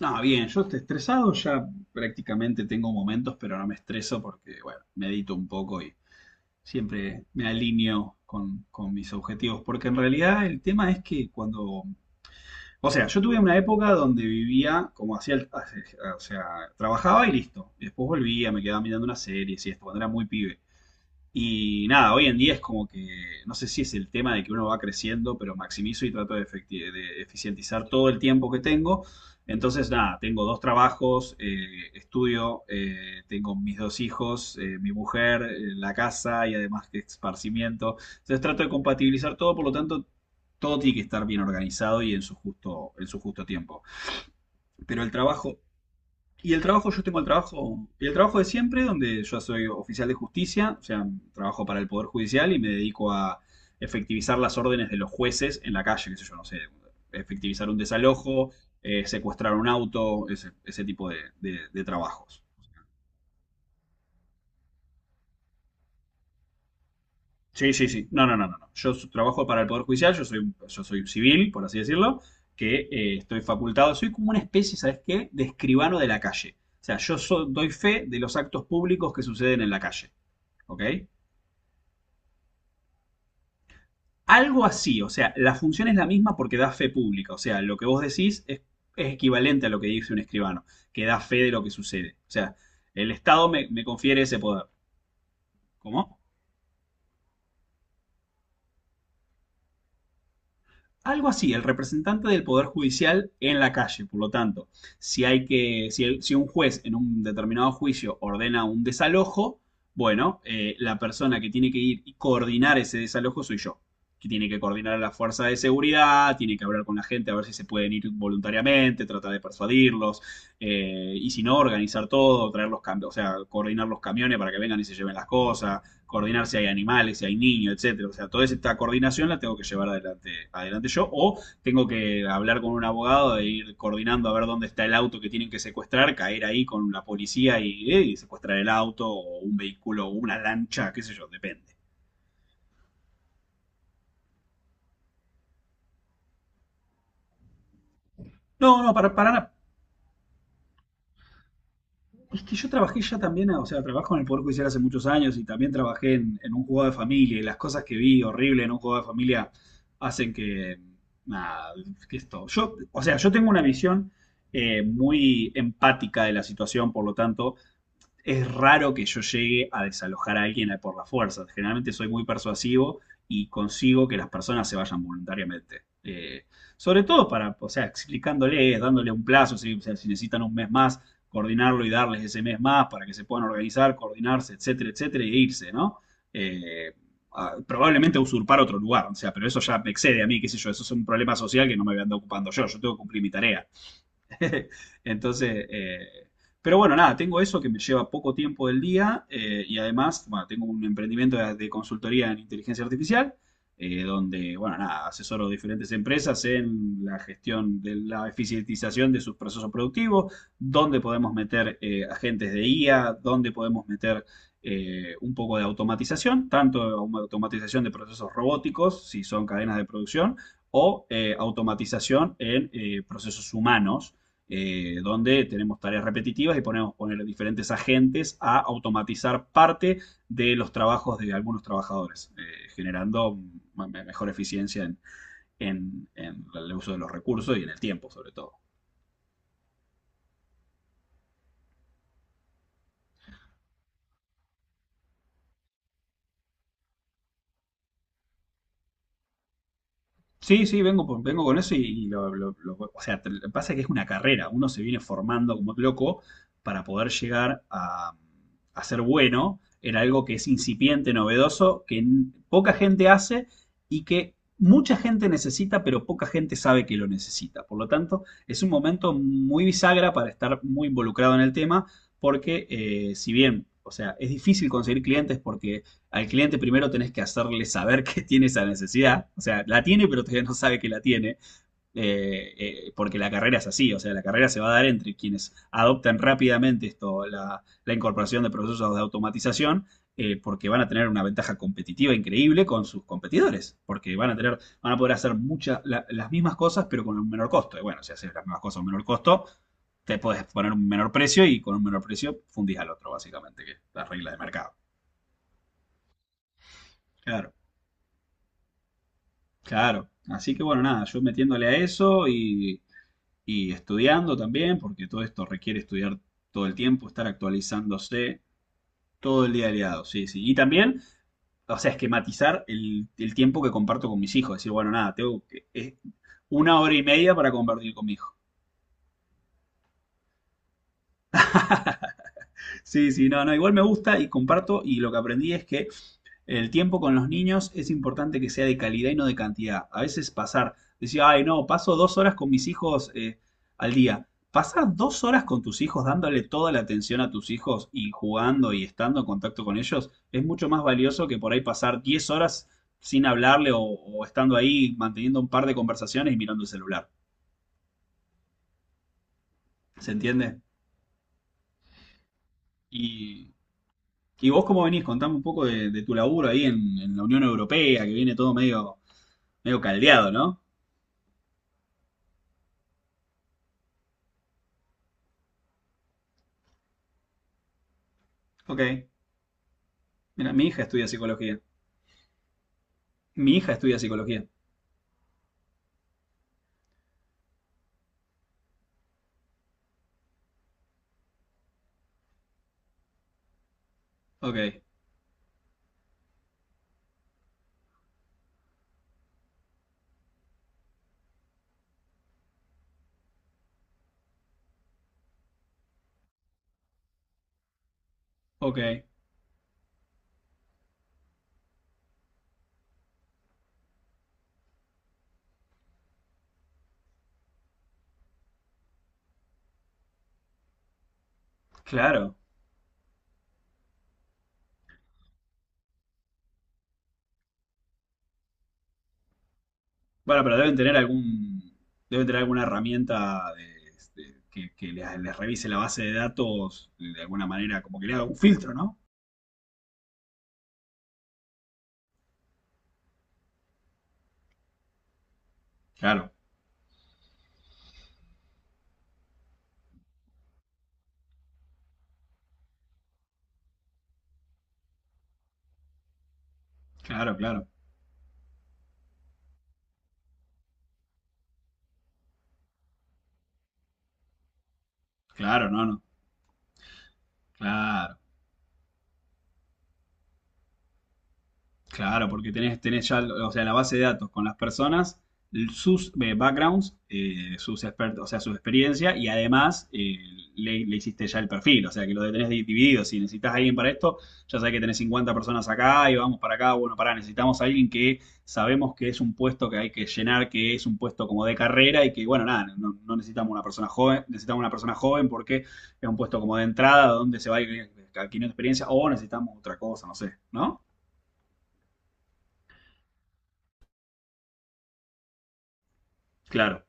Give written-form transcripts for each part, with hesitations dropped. No, bien, yo estoy estresado, ya prácticamente tengo momentos, pero no me estreso porque, bueno, medito un poco y siempre me alineo con mis objetivos. Porque en realidad el tema es que cuando, o sea, yo tuve una época donde vivía como hacía, o sea, trabajaba y listo. Y después volvía, me quedaba mirando una serie y esto, cuando era muy pibe. Y nada, hoy en día es como que, no sé si es el tema de que uno va creciendo, pero maximizo y trato de, de eficientizar todo el tiempo que tengo. Entonces, nada, tengo dos trabajos, estudio, tengo mis dos hijos, mi mujer, la casa y además que esparcimiento. Entonces trato de compatibilizar todo, por lo tanto, todo tiene que estar bien organizado y en su justo tiempo. Pero el trabajo y el trabajo, yo tengo el trabajo de siempre, donde yo soy oficial de justicia, o sea, trabajo para el Poder Judicial y me dedico a efectivizar las órdenes de los jueces en la calle, qué sé yo, no sé, efectivizar un desalojo, secuestrar un auto, ese tipo de, de trabajos. Sí, sí, sí. No, no, no, no, no. Trabajo para el Poder Judicial, yo soy, yo soy un civil, por así decirlo, que estoy facultado, soy como una especie, ¿sabes qué?, de escribano de la calle. O sea, doy fe de los actos públicos que suceden en la calle, ¿ok? Algo así, o sea, la función es la misma porque da fe pública, o sea, lo que vos decís es equivalente a lo que dice un escribano, que da fe de lo que sucede. O sea, el Estado me confiere ese poder. ¿Cómo? Algo así, el representante del Poder Judicial en la calle. Por lo tanto, si, hay que, si, si un juez en un determinado juicio ordena un desalojo, bueno, la persona que tiene que ir y coordinar ese desalojo soy yo. Que tiene que coordinar a la fuerza de seguridad, tiene que hablar con la gente a ver si se pueden ir voluntariamente, tratar de persuadirlos, y si no, organizar todo, traer los camiones, o sea, coordinar los camiones para que vengan y se lleven las cosas, coordinar si hay animales, si hay niños, etcétera. O sea, toda esta coordinación la tengo que llevar adelante yo, o tengo que hablar con un abogado e ir coordinando a ver dónde está el auto que tienen que secuestrar, caer ahí con la policía y secuestrar el auto, o un vehículo, o una lancha, qué sé yo, depende. No, no, para, para. Es que yo trabajé ya también, o sea, trabajo en el Poder Judicial hace muchos años y también trabajé en un juego de familia y las cosas que vi horrible en un juego de familia hacen que, nada, que esto. Yo, o sea, yo tengo una visión muy empática de la situación, por lo tanto, es raro que yo llegue a desalojar a alguien por la fuerza. Generalmente soy muy persuasivo y consigo que las personas se vayan voluntariamente. Sobre todo para, o sea, explicándoles, dándole un plazo, si, o sea, si necesitan un mes más, coordinarlo y darles ese mes más para que se puedan organizar, coordinarse, etcétera, etcétera, e irse, ¿no? Eh, probablemente usurpar otro lugar, o sea, pero eso ya me excede a mí, qué sé yo, eso es un problema social que no me voy a andar ocupando yo, yo tengo que cumplir mi tarea. Entonces, pero bueno, nada, tengo eso que me lleva poco tiempo del día, y además, bueno, tengo un emprendimiento de consultoría en inteligencia artificial, donde, bueno, nada, asesoro diferentes empresas en la gestión de la eficientización de sus procesos productivos, dónde podemos meter agentes de IA, dónde podemos meter un poco de automatización, tanto automatización de procesos robóticos, si son cadenas de producción, o automatización en procesos humanos, donde tenemos tareas repetitivas y podemos poner diferentes agentes a automatizar parte de los trabajos de algunos trabajadores, generando mejor eficiencia en, en el uso de los recursos y en el tiempo, sobre todo. Sí, sí, vengo, vengo con eso y, o sea, lo que pasa es que es una carrera, uno se viene formando como loco para poder llegar a ser bueno en algo que es incipiente, novedoso, que poca gente hace y que mucha gente necesita, pero poca gente sabe que lo necesita. Por lo tanto, es un momento muy bisagra para estar muy involucrado en el tema, porque si bien, o sea, es difícil conseguir clientes porque al cliente primero tenés que hacerle saber que tiene esa necesidad. O sea, la tiene, pero todavía no sabe que la tiene. Porque la carrera es así. O sea, la carrera se va a dar entre quienes adoptan rápidamente esto, la incorporación de procesos de automatización. Porque van a tener una ventaja competitiva increíble con sus competidores. Porque van a tener, van a poder hacer muchas, las mismas cosas, pero con un menor costo. Y bueno, si haces las mismas cosas a un menor costo, te puedes poner un menor precio y con un menor precio fundís al otro, básicamente, que es la regla de mercado. Claro. Claro, así que bueno, nada, yo metiéndole a eso y estudiando también, porque todo esto requiere estudiar todo el tiempo, estar actualizándose todo el día aliado, sí, sí. Y también, o sea, esquematizar el tiempo que comparto con mis hijos, decir, bueno, nada, es una hora y media para compartir con mi hijo. Sí, sí, no, no, igual me gusta y comparto y lo que aprendí es que el tiempo con los niños es importante que sea de calidad y no de cantidad. A veces pasar, decir, ay, no, paso dos horas con mis hijos, al día. Pasar dos horas con tus hijos dándole toda la atención a tus hijos y jugando y estando en contacto con ellos es mucho más valioso que por ahí pasar 10 horas sin hablarle o estando ahí manteniendo un par de conversaciones y mirando el celular. ¿Se entiende? Y, y vos cómo venís, contame un poco de tu laburo ahí en la Unión Europea, que viene todo medio, medio caldeado, ¿no? Ok. Mira, mi hija estudia psicología. Mi hija estudia psicología. Ok, ok, claro. Bueno, pero deben tener algún, deben tener alguna herramienta de, que les revise la base de datos de alguna manera, como que le haga un filtro, ¿no? Claro, claro, claro, claro, no, no, claro. Claro, porque tenés, tenés ya, o sea, la base de datos con las personas, sus backgrounds, sus expertos, o sea, su experiencia, y además le hiciste ya el perfil, o sea, que lo tenés dividido. Si necesitas a alguien para esto, ya sabés que tenés 50 personas acá y vamos para acá, bueno, pará, necesitamos a alguien que sabemos que es un puesto que hay que llenar, que es un puesto como de carrera y que, bueno, nada, no necesitamos una persona joven, necesitamos una persona joven porque es un puesto como de entrada donde se va a ir adquiriendo experiencia o necesitamos otra cosa, no sé, ¿no? Claro.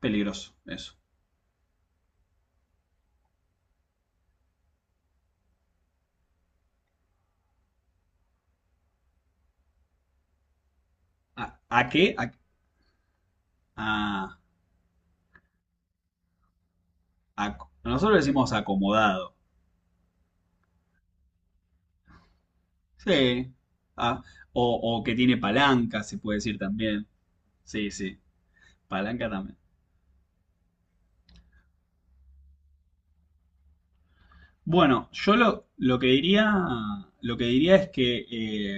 Peligroso, eso. A qué? A- a- nosotros le decimos acomodado. Sí. Ah, o que tiene palanca, se puede decir también. Sí, sí. Palanca también. Bueno, lo que diría es que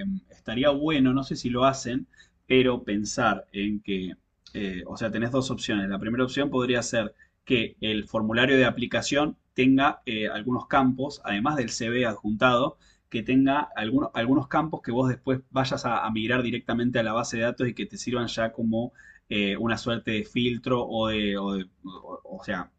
eh, estaría bueno, no sé si lo hacen, pero pensar en que, o sea, tenés dos opciones. La primera opción podría ser que el formulario de aplicación tenga algunos campos, además del CV adjuntado, que tenga algunos campos que vos después vayas a migrar directamente a la base de datos y que te sirvan ya como una suerte de filtro o de, o sea,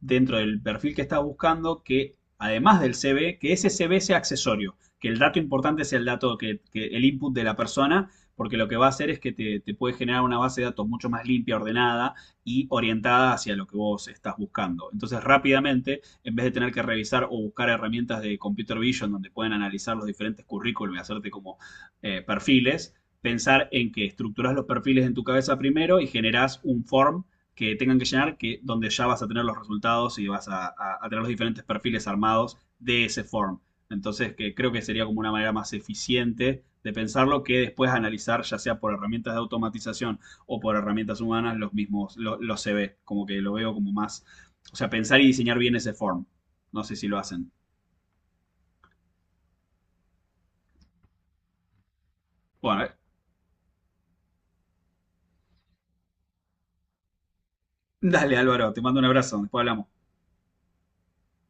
dentro del perfil que estás buscando que, además del CV, que ese CV sea accesorio, que el dato importante sea el dato, que el input de la persona, porque lo que va a hacer es que puede generar una base de datos mucho más limpia, ordenada y orientada hacia lo que vos estás buscando. Entonces, rápidamente, en vez de tener que revisar o buscar herramientas de computer vision donde pueden analizar los diferentes currículum y hacerte como perfiles, pensar en que estructuras los perfiles en tu cabeza primero y generás un form que tengan que llenar, que, donde ya vas a tener los resultados y vas a, a tener los diferentes perfiles armados de ese form. Entonces, que creo que sería como una manera más eficiente de pensarlo que después analizar, ya sea por herramientas de automatización o por herramientas humanas, los mismos, los CV, como que lo veo como más, o sea, pensar y diseñar bien ese form. No sé si lo hacen. Bueno, dale Álvaro, te mando un abrazo, después hablamos.